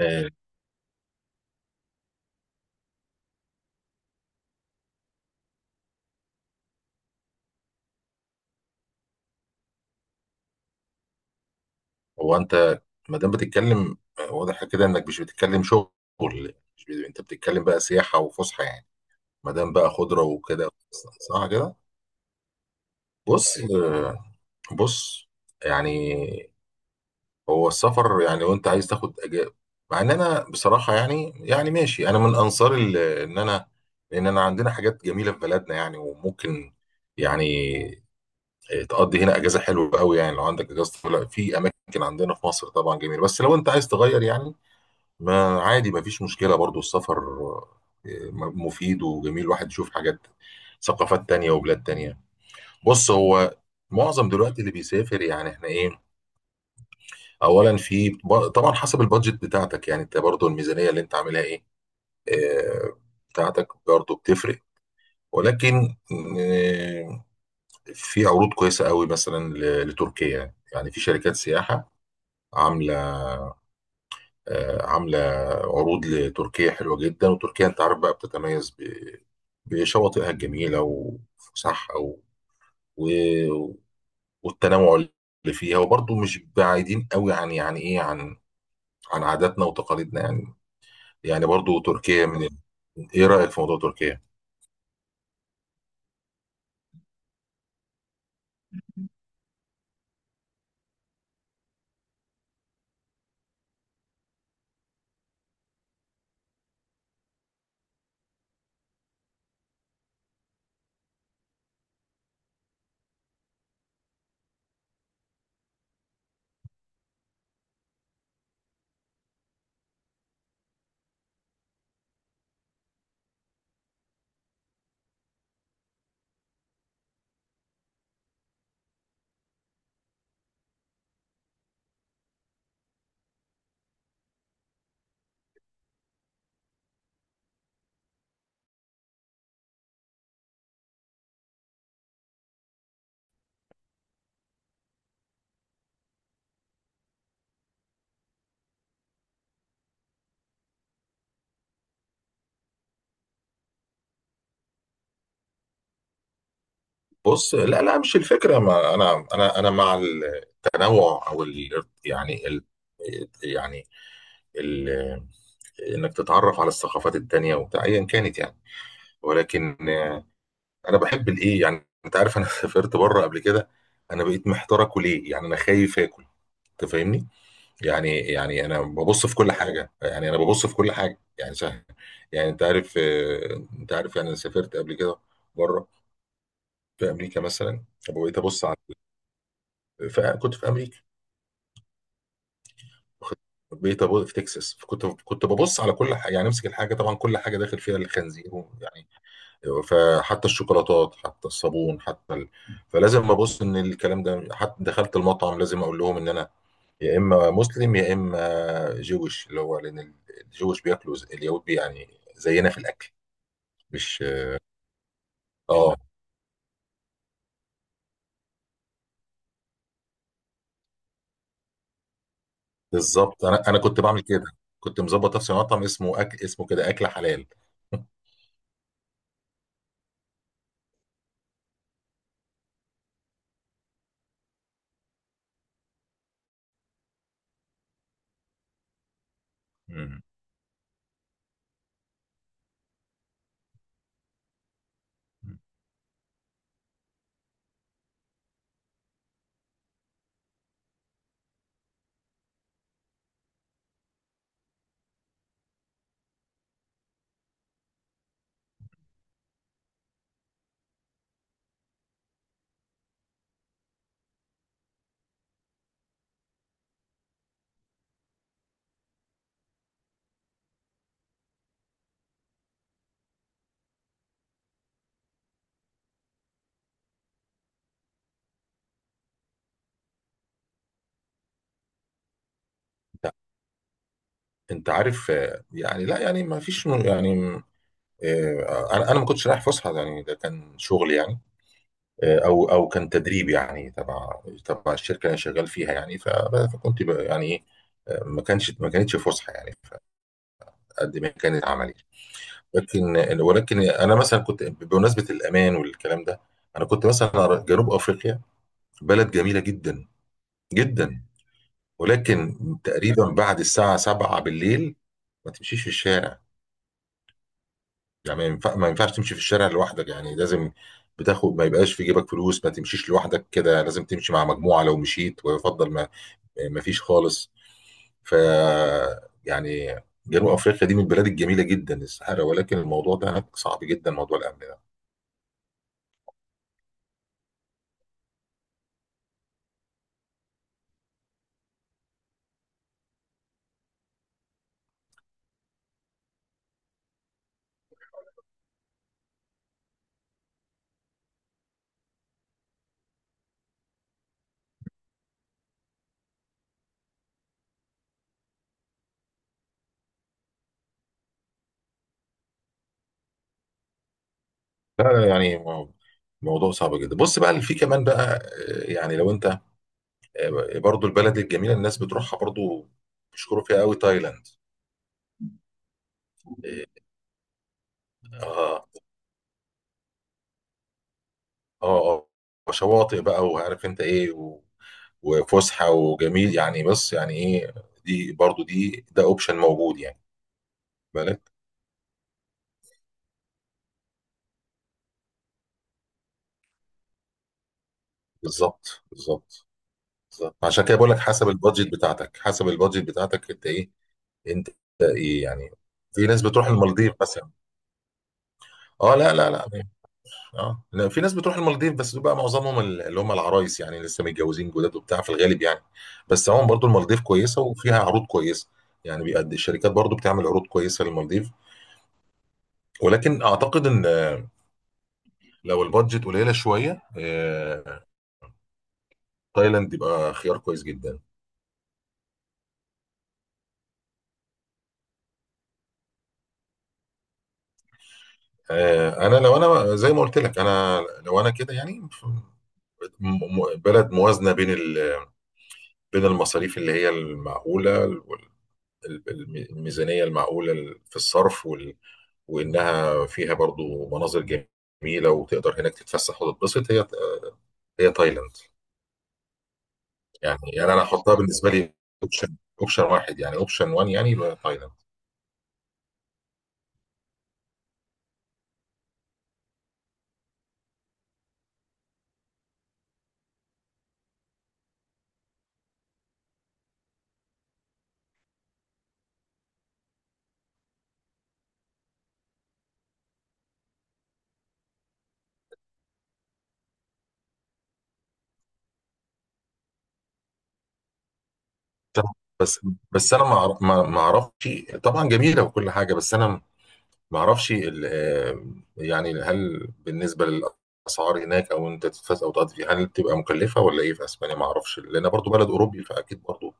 آه، هو انت، ما دام بتتكلم واضح كده انك مش بتتكلم شغل. مش انت بتتكلم بقى سياحه وفسحه يعني. ما دام بقى خضره وكده، صح كده. بص آه، بص، يعني هو السفر، يعني لو انت عايز تاخد أجازة. مع ان انا بصراحه يعني ماشي، انا من انصار ال- ان انا لان انا عندنا حاجات جميله في بلدنا يعني، وممكن يعني تقضي هنا اجازه حلوه قوي، يعني لو عندك اجازه طويله في اماكن. عندنا في مصر طبعا جميله، بس لو انت عايز تغير يعني، ما عادي، ما فيش مشكلة برضو السفر. مفيد وجميل الواحد يشوف حاجات، ثقافات تانية وبلاد تانية. بص، هو معظم دلوقتي اللي بيسافر يعني احنا ايه، اولا في طبعا حسب البادجت بتاعتك، يعني انت برضو الميزانية اللي انت عاملها ايه، آه، بتاعتك برضو بتفرق. ولكن آه، في عروض كويسة قوي مثلا لتركيا، يعني في شركات سياحة عاملة، آه، عاملة عروض لتركيا حلوة جدا. وتركيا انت عارف بقى بتتميز بشواطئها الجميلة وفسحها، و... و... والتنوع اللي فيها، وبرضه مش بعيدين قوي عن، يعني ايه، عن عاداتنا وتقاليدنا يعني. يعني برضه تركيا. ايه رأيك في موضوع تركيا؟ بص، لا، لا، مش الفكرة. ما انا مع التنوع، او يعني يعني ال... انك تتعرف على الثقافات التانية وبتاع ايا كانت يعني. ولكن انا بحب الايه، يعني انت عارف، انا سافرت بره قبل كده. انا بقيت محتار اكل ايه يعني، انا خايف اكل، انت فاهمني. يعني انا ببص في كل حاجه، يعني انا ببص في كل حاجه يعني سهل. يعني انت عارف، يعني انا سافرت قبل كده بره، في امريكا مثلا. بقيت ابص على فكنت في امريكا، واخد- بقيت ابص في تكساس، كنت ببص على كل حاجه، يعني امسك الحاجه. طبعا كل حاجه داخل فيها الخنزير يعني، فحتى الشوكولاتات، حتى الصابون، فلازم ابص ان الكلام ده. حتى دخلت المطعم لازم اقول لهم ان انا يا اما مسلم يا اما جويش، اللي هو لان الجويش بياكلوا اليهود يعني زينا في الاكل. مش. اه، بالظبط، انا كنت بعمل كده. كنت مظبط نفسي مطعم اسمه اكل، اسمه كده اكل حلال. مم. انت عارف، يعني لا يعني ما فيش يعني انا ما كنتش رايح فسحه يعني، ده كان شغل يعني. او كان تدريب يعني، تبع الشركه اللي انا شغال فيها يعني. فكنت يعني ايه، ما كانش، ما كانتش فسحه يعني، قد ما كانت عملي. ولكن انا مثلا كنت بمناسبه الامان والكلام ده، انا كنت مثلا أرى جنوب افريقيا بلد جميله جدا، جدا، ولكن تقريبا بعد الساعه 7 بالليل ما تمشيش في الشارع، يعني ما ينفعش تمشي في الشارع لوحدك، يعني لازم بتاخد، ما يبقاش في جيبك فلوس، ما تمشيش لوحدك كده، لازم تمشي مع مجموعه لو مشيت، ويفضل مفيش خالص. ف، يعني، جنوب افريقيا دي من البلاد الجميله جدا، الصحراء، ولكن الموضوع ده هناك صعب جدا، موضوع الامن ده. لا، يعني موضوع صعب جدا. بص بقى، في كمان بقى يعني لو انت برضو البلد الجميله الناس بتروحها برضو بيشكروا فيها قوي، تايلاند. اه، اه، اه، شواطئ بقى، وعارف انت ايه وفسحه وجميل يعني، بص يعني ايه، دي برضو دي ده اوبشن موجود يعني. بالك. بالظبط، بالظبط، بالظبط. عشان كده بقول لك حسب البادجت بتاعتك، انت ايه، انت يعني. في ناس بتروح المالديف مثلا. اه، لا، لا، لا. اه، لا، في ناس بتروح المالديف بس بقى معظمهم اللي هم العرايس، يعني لسه متجوزين جداد وبتاع في الغالب يعني. بس هم برضو المالديف كويسه وفيها عروض كويسه، يعني بيقد الشركات برضو بتعمل عروض كويسه للمالديف. ولكن اعتقد ان لو البادجت قليله شويه، تايلاند يبقى خيار كويس جدا. انا لو انا زي ما قلت لك، انا لو انا كده يعني، بلد موازنة بين بين المصاريف اللي هي المعقولة وال- الميزانية المعقولة في الصرف، وإنها فيها برضو مناظر جميلة، وتقدر هناك تتفسح وتتبسط، هي تايلاند. يعني أنا أحطها بالنسبة لي أوبشن أوبشن واحد، يعني أوبشن 1، يعني يبقى تايلاند. بس بس أنا ما أعرفش. طبعا جميلة وكل حاجة، بس أنا معرفش يعني هل بالنسبة للأسعار هناك أو أنت تدفع أو تقضي فيها، هل بتبقى مكلفة ولا إيه في أسبانيا، معرفش لأن برضو بلد أوروبي، فأكيد برضو،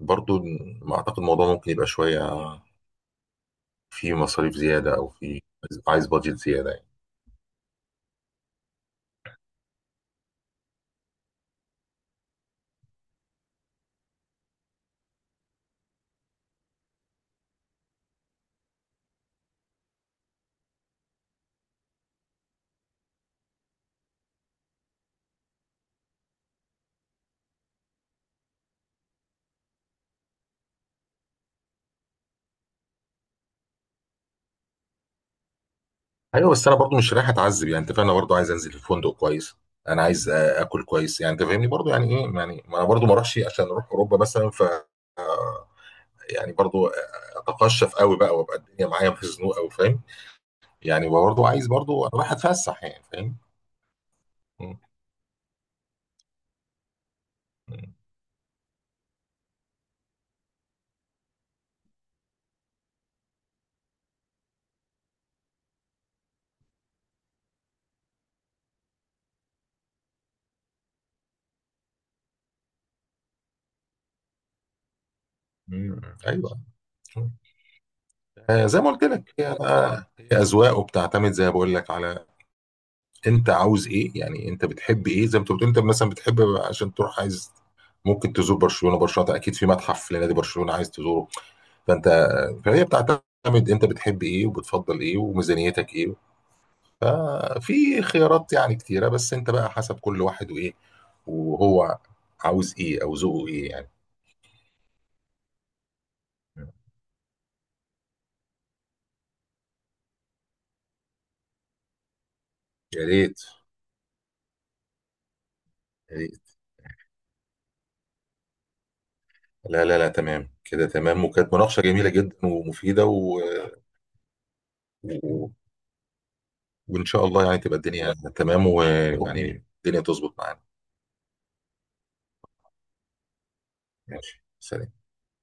برضو ما أعتقد الموضوع ممكن يبقى شوية، في مصاريف زيادة أو في، عايز بادجت زيادة يعني. أيوه، بس أنا برضو مش رايح أتعذب، يعني أنت فاهم، أنا برضو عايز أنزل في فندق كويس، أنا عايز آكل كويس، يعني أنت فاهمني برضو يعني إيه، يعني ما أنا برضو ما أروحش عشان أروح أوروبا مثلا، ف يعني برضو اتقشف قوي بقى وابقى الدنيا معايا مخزنوق قوي، فاهم. يعني برضو عايز، برضو انا رايح اتفسح يعني، فاهم. مم. مم. ايوه. مم. زي ما قلت لك، هي اذواق وبتعتمد زي ما بقول لك على، انت عاوز ايه، يعني انت بتحب ايه، زي ما انت بتقول انت مثلا بتحب عشان تروح، عايز ممكن تزور برشلونه. برشلونه ده اكيد في متحف لنادي برشلونه عايز تزوره، فانت فهي بتعتمد انت بتحب ايه وبتفضل ايه وميزانيتك ايه. ففي خيارات يعني كتيرة، بس انت بقى حسب كل واحد، وايه وهو عاوز ايه او ذوقه ايه يعني. يا ريت، يا ريت. لا، لا، لا، تمام كده، تمام. وكانت مناقشة جميلة جدا ومفيدة، و... و... وان شاء الله يعني تبقى الدنيا تمام، ويعني الدنيا تظبط معانا. ماشي، سلام.